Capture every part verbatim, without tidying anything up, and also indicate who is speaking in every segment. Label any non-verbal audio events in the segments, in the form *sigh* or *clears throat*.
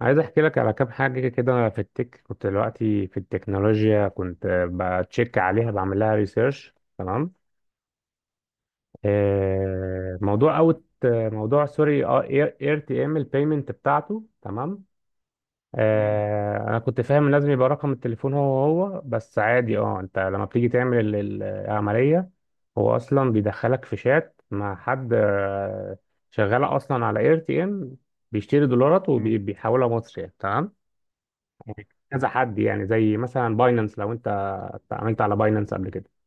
Speaker 1: عايز احكي لك على كام حاجه كده. في التك كنت دلوقتي في التكنولوجيا، كنت بتشيك عليها، بعمل لها ريسيرش. تمام. آه، موضوع اوت موضوع سوري اير تي ام البيمنت بتاعته. تمام. آه، انا كنت فاهم إن لازم يبقى رقم التليفون هو هو بس، عادي. اه انت لما بتيجي تعمل ال- ال- العمليه، هو اصلا بيدخلك في شات مع حد. آه، شغال اصلا على اير تي ام، بيشتري دولارات مم. وبيحولها مصري. تمام. كذا حد يعني، زي مثلا باينانس، لو انت اتعاملت على باينانس قبل كده.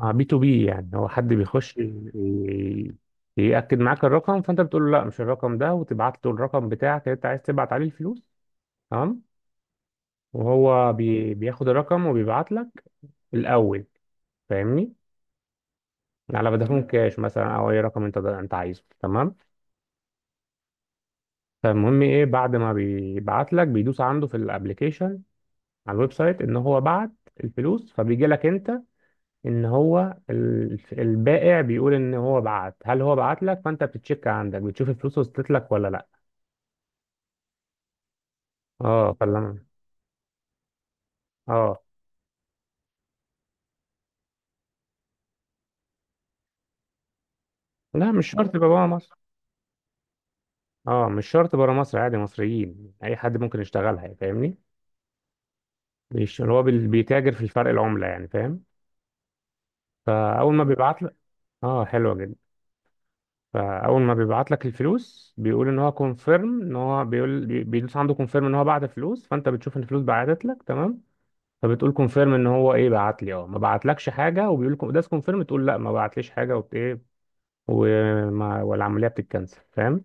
Speaker 1: اه بي تو بي، يعني هو حد بيخش ي- يأكد معاك الرقم، فانت بتقول له لا، مش الرقم ده، وتبعت له الرقم بتاعك اللي انت عايز تبعت عليه الفلوس. تمام. وهو بي بياخد الرقم وبيبعت لك الاول، فاهمني، على فودافون كاش مثلا، او اي رقم انت انت عايزه. تمام. فالمهم ايه، بعد ما بيبعت لك بيدوس عنده في الابليكيشن، على الويب سايت، ان هو بعت الفلوس، فبيجي لك انت ان هو ال- البائع بيقول ان هو بعت، هل هو بعت لك؟ فانت بتتشيك عندك، بتشوف الفلوس وصلت لك ولا لا. اه. فلما اه، لا، مش شرط يبقى بره مصر. اه، مش شرط بره مصر، عادي مصريين، اي حد ممكن يشتغلها يعني، فاهمني. مش هو بال- بيتاجر في الفرق العملة يعني، فاهم. فاول ما بيبعت لك اه، حلوة جدا. فاول ما بيبعت لك الفلوس بيقول ان هو كونفيرم، ان هو بيقول بي- بيدوس عنده كونفيرم ان هو بعت فلوس، فانت بتشوف ان الفلوس بعتت لك. تمام. فبتقول كونفيرم ان هو ايه، بعت لي؟ اه، ما بعتلكش حاجه، وبيقول لكم ده كونفيرم، تقول لا، ما بعتليش حاجه، وبت ايه وما والعمليه بتتكنسل، فاهم.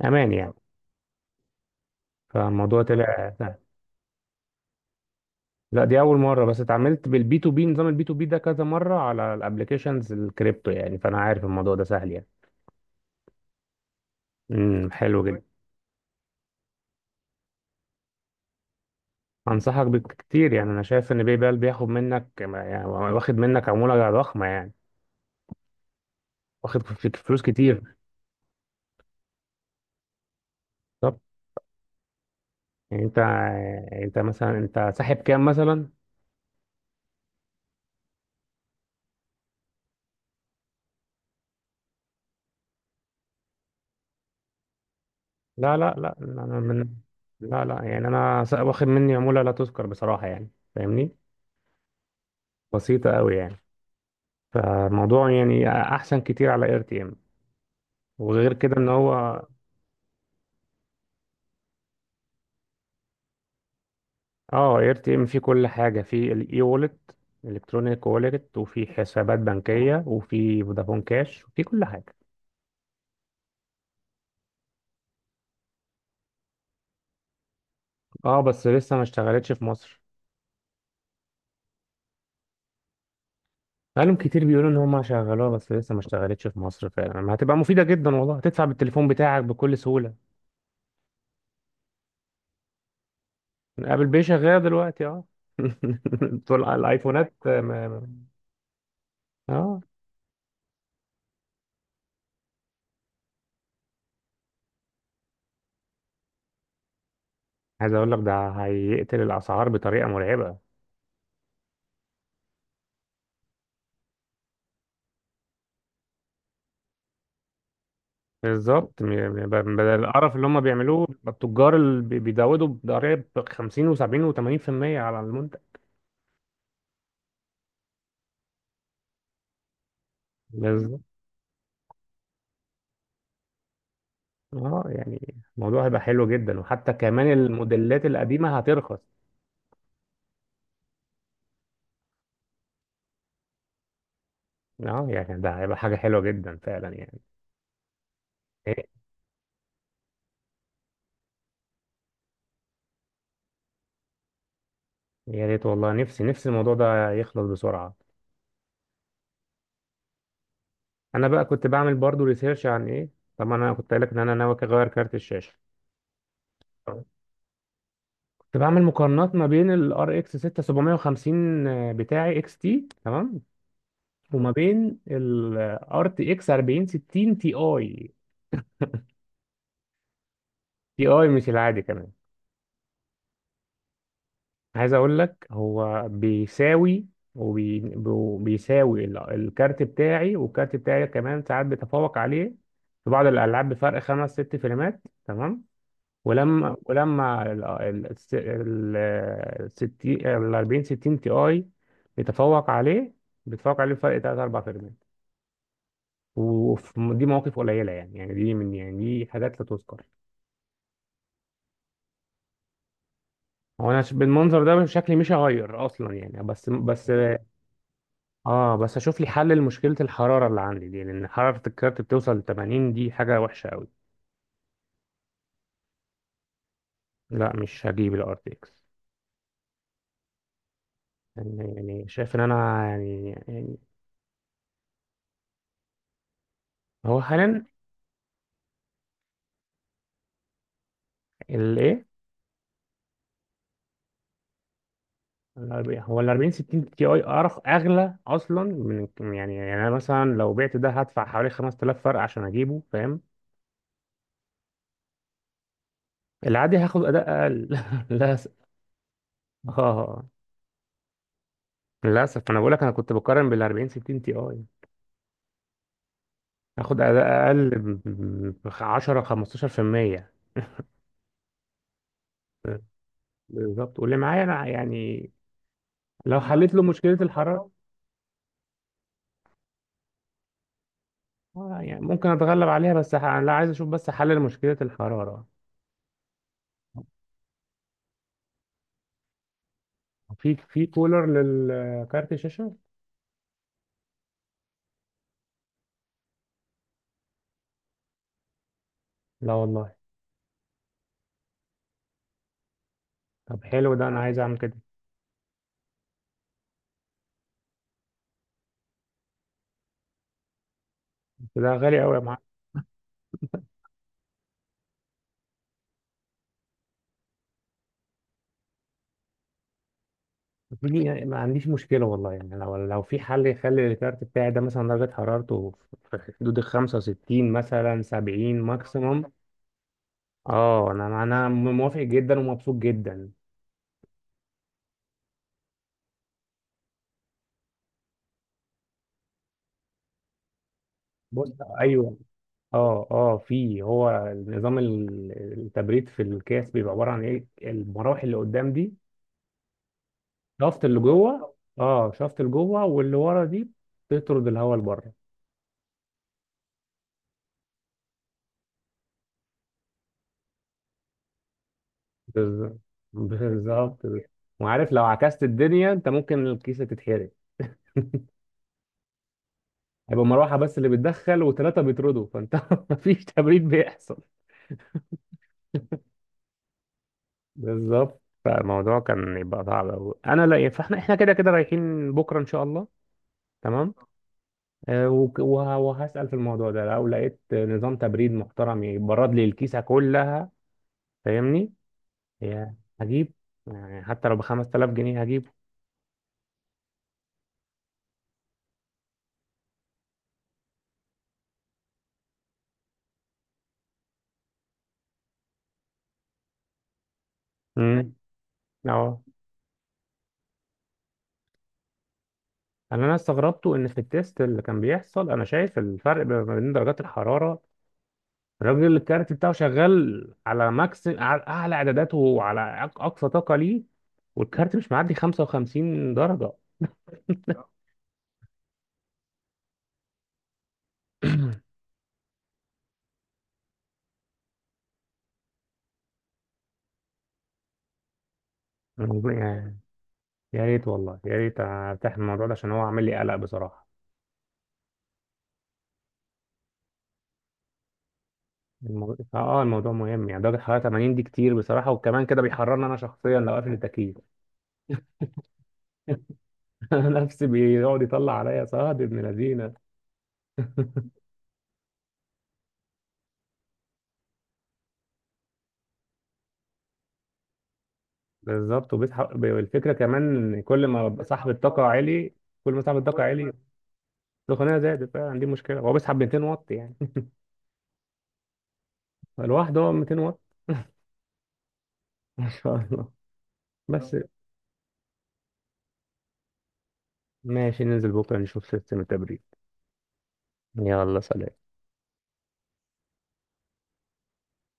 Speaker 1: امان يعني. فالموضوع طلع سهل. لا، دي اول مره، بس اتعاملت بالبي تو بي. نظام البي تو بي ده كذا مره على الابلكيشنز الكريبتو، يعني فانا عارف الموضوع ده سهل يعني. امم حلو جدا. انصحك بكتير، يعني انا شايف ان باي بال بياخد منك يعني، واخد منك عموله ضخمه يعني، واخد فلوس كتير. طب يعني انت، يعني انت مثلا، انت ساحب كام مثلا؟ لا لا لا، انا من لا لا، يعني انا س- واخد مني عمولة لا تذكر بصراحة يعني، فاهمني، بسيطة قوي يعني. فالموضوع يعني احسن كتير على اير تي ام. وغير كده ان هو اه، اير تي ام فيه كل حاجة. فيه الاي وولت الكترونيك وولت، وفي حسابات بنكية، وفي فودافون كاش، وفي كل حاجة. اه بس لسه ما اشتغلتش في مصر. بقالهم كتير بيقولوا ان هم شغلوها، بس لسه ما اشتغلتش في مصر فعلا. ما هتبقى مفيدة جدا والله، هتدفع بالتليفون بتاعك بكل سهولة. ابل باي شغاله دلوقتي، اه. *laughs* طول الايفونات. آه، ما- ما- اه. عايز اقول لك، ده هيقتل الاسعار بطريقه مرعبه. بالظبط، م- م- ب- بدل القرف اللي هم بيعملوه. بيبقى التجار اللي بي- بيزودوا بضرائب خمسين و70 و80% على المنتج. بالظبط. اه، يعني الموضوع هيبقى حلو جدا، وحتى كمان الموديلات القديمه هترخص. اه، يعني ده هيبقى حاجه حلوه جدا فعلا يعني. إيه؟ يا ريت والله، نفسي نفسي الموضوع ده يخلص بسرعه. انا بقى كنت بعمل برضو ريسيرش عن ايه. طبعا انا كنت قايل لك ان انا ناوي اغير كارت الشاشه. كنت بعمل مقارنات ما بين ال R X ستة آلاف وسبعمية وخمسين بتاعي اكس تي. تمام. وما بين ال R T X أربعين ستين تي اي. تي اي، مش العادي كمان. عايز اقول لك، هو بيساوي وبيساوي الكارت بتاعي، والكارت بتاعي كمان ساعات بيتفوق عليه في بعض الالعاب بفرق خمس ست فريمات. تمام. ولما ولما ال ال ال ال 60 ال أربعين ستين تي اي بيتفوق عليه. بيتفوق عليه بفرق تلاتة أربعة فيرمنت. ودي مواقف قليله يعني يعني دي من يعني دي حاجات لا تذكر. هو انا ش- بالمنظر ده شكلي مش هغير اصلا يعني، بس بس اه بس اشوف لي حل لمشكله الحراره اللي عندي دي، لان حراره الكارت بتوصل ل تمانين، دي حاجه وحشه قوي. لا، مش هجيب الار تي اكس. يعني يعني شايف ان انا يعني يعني هو حاليا الايه، الأربعين- هو ال أربعين ستين تي اي ارخ اغلى اصلا من. يعني يعني انا مثلا، لو بعت ده هدفع حوالي خمسة آلاف فرق عشان اجيبه، فاهم. العادي هاخد اداء اقل *laughs* للاسف اه للاسف انا بقول لك، انا كنت بقارن بال أربعين ستين تي اي. هاخد اداء اقل ب عشرة خمسة عشر في المئة. بالظبط. واللي معايا انا يعني لو حليت له مشكله الحراره. آه، يعني ممكن اتغلب عليها بس ح- انا لا، عايز اشوف بس حل لمشكله الحراره. في في كولر للكارت الشاشه؟ لا والله. طب حلو ده، انا عايز اعمل كده. بس ده غالي قوي يا معلم. دي يعني ما عنديش مشكله والله يعني، لو لو في حل يخلي الكارت بتاعي ده مثلا درجه حرارته في حدود ال خمسة وستين، مثلا سبعين ماكسيموم. اه، انا انا موافق جدا ومبسوط جدا. بص، ايوه. اه اه في، هو نظام ال- التبريد في الكاس بيبقى عباره عن ايه المراوح اللي قدام دي. شافت اللي جوه اه شافت اللي جوه واللي ورا دي بتطرد الهواء لبره. بالظبط بالظبط وعارف، لو عكست الدنيا انت ممكن الكيسه تتحرق. هيبقى مروحه بس اللي بتدخل وثلاثه بيطردوا، فانت *laughs* مفيش تبريد بيحصل. بالظبط. فالموضوع كان يبقى صعب أوي. انا لا فاحنا احنا كده كده رايحين بكره ان شاء الله. تمام. آه، وك- وه- وهسال في الموضوع ده، لو لقيت نظام تبريد محترم يبرد لي الكيسه كلها، فاهمني، يعني هجيب. يعني حتى لو ب خمس آلاف جنيه هجيب. امم اه انا انا استغربته، ان في التيست اللي كان بيحصل انا شايف الفرق ما بين درجات الحراره. الراجل الكارت بتاعه شغال على ماكس، على اعلى اعداداته، وعلى أق- اقصى طاقه ليه، والكارت مش معدي خمسة وخمسين درجه. *clears throat* يعني يا ريت والله، يا ريت ارتاح من الموضوع ده، عشان هو عامل لي قلق بصراحه. المو... اه الموضوع مهم يعني، درجه الحراره تمانين دي كتير بصراحه، وكمان كده بيحررني انا شخصيا لو قافل التكييف. *laughs* نفسي بيقعد يطلع عليا صهد ابن لذينه. بالظبط. وبيسحب بي- الفكره كمان إن كل ما ببقى صاحب الطاقه عالي، كل ما صاحب الطاقه عالي، سخونيه زادت فعلا. دي مشكله، هو بيسحب ميتين واط يعني. *laughs* لوحده هو ميتين واط. *laughs* ما شاء الله. بس، ماشي ننزل بكره نشوف سيستم التبريد. يلا سلام.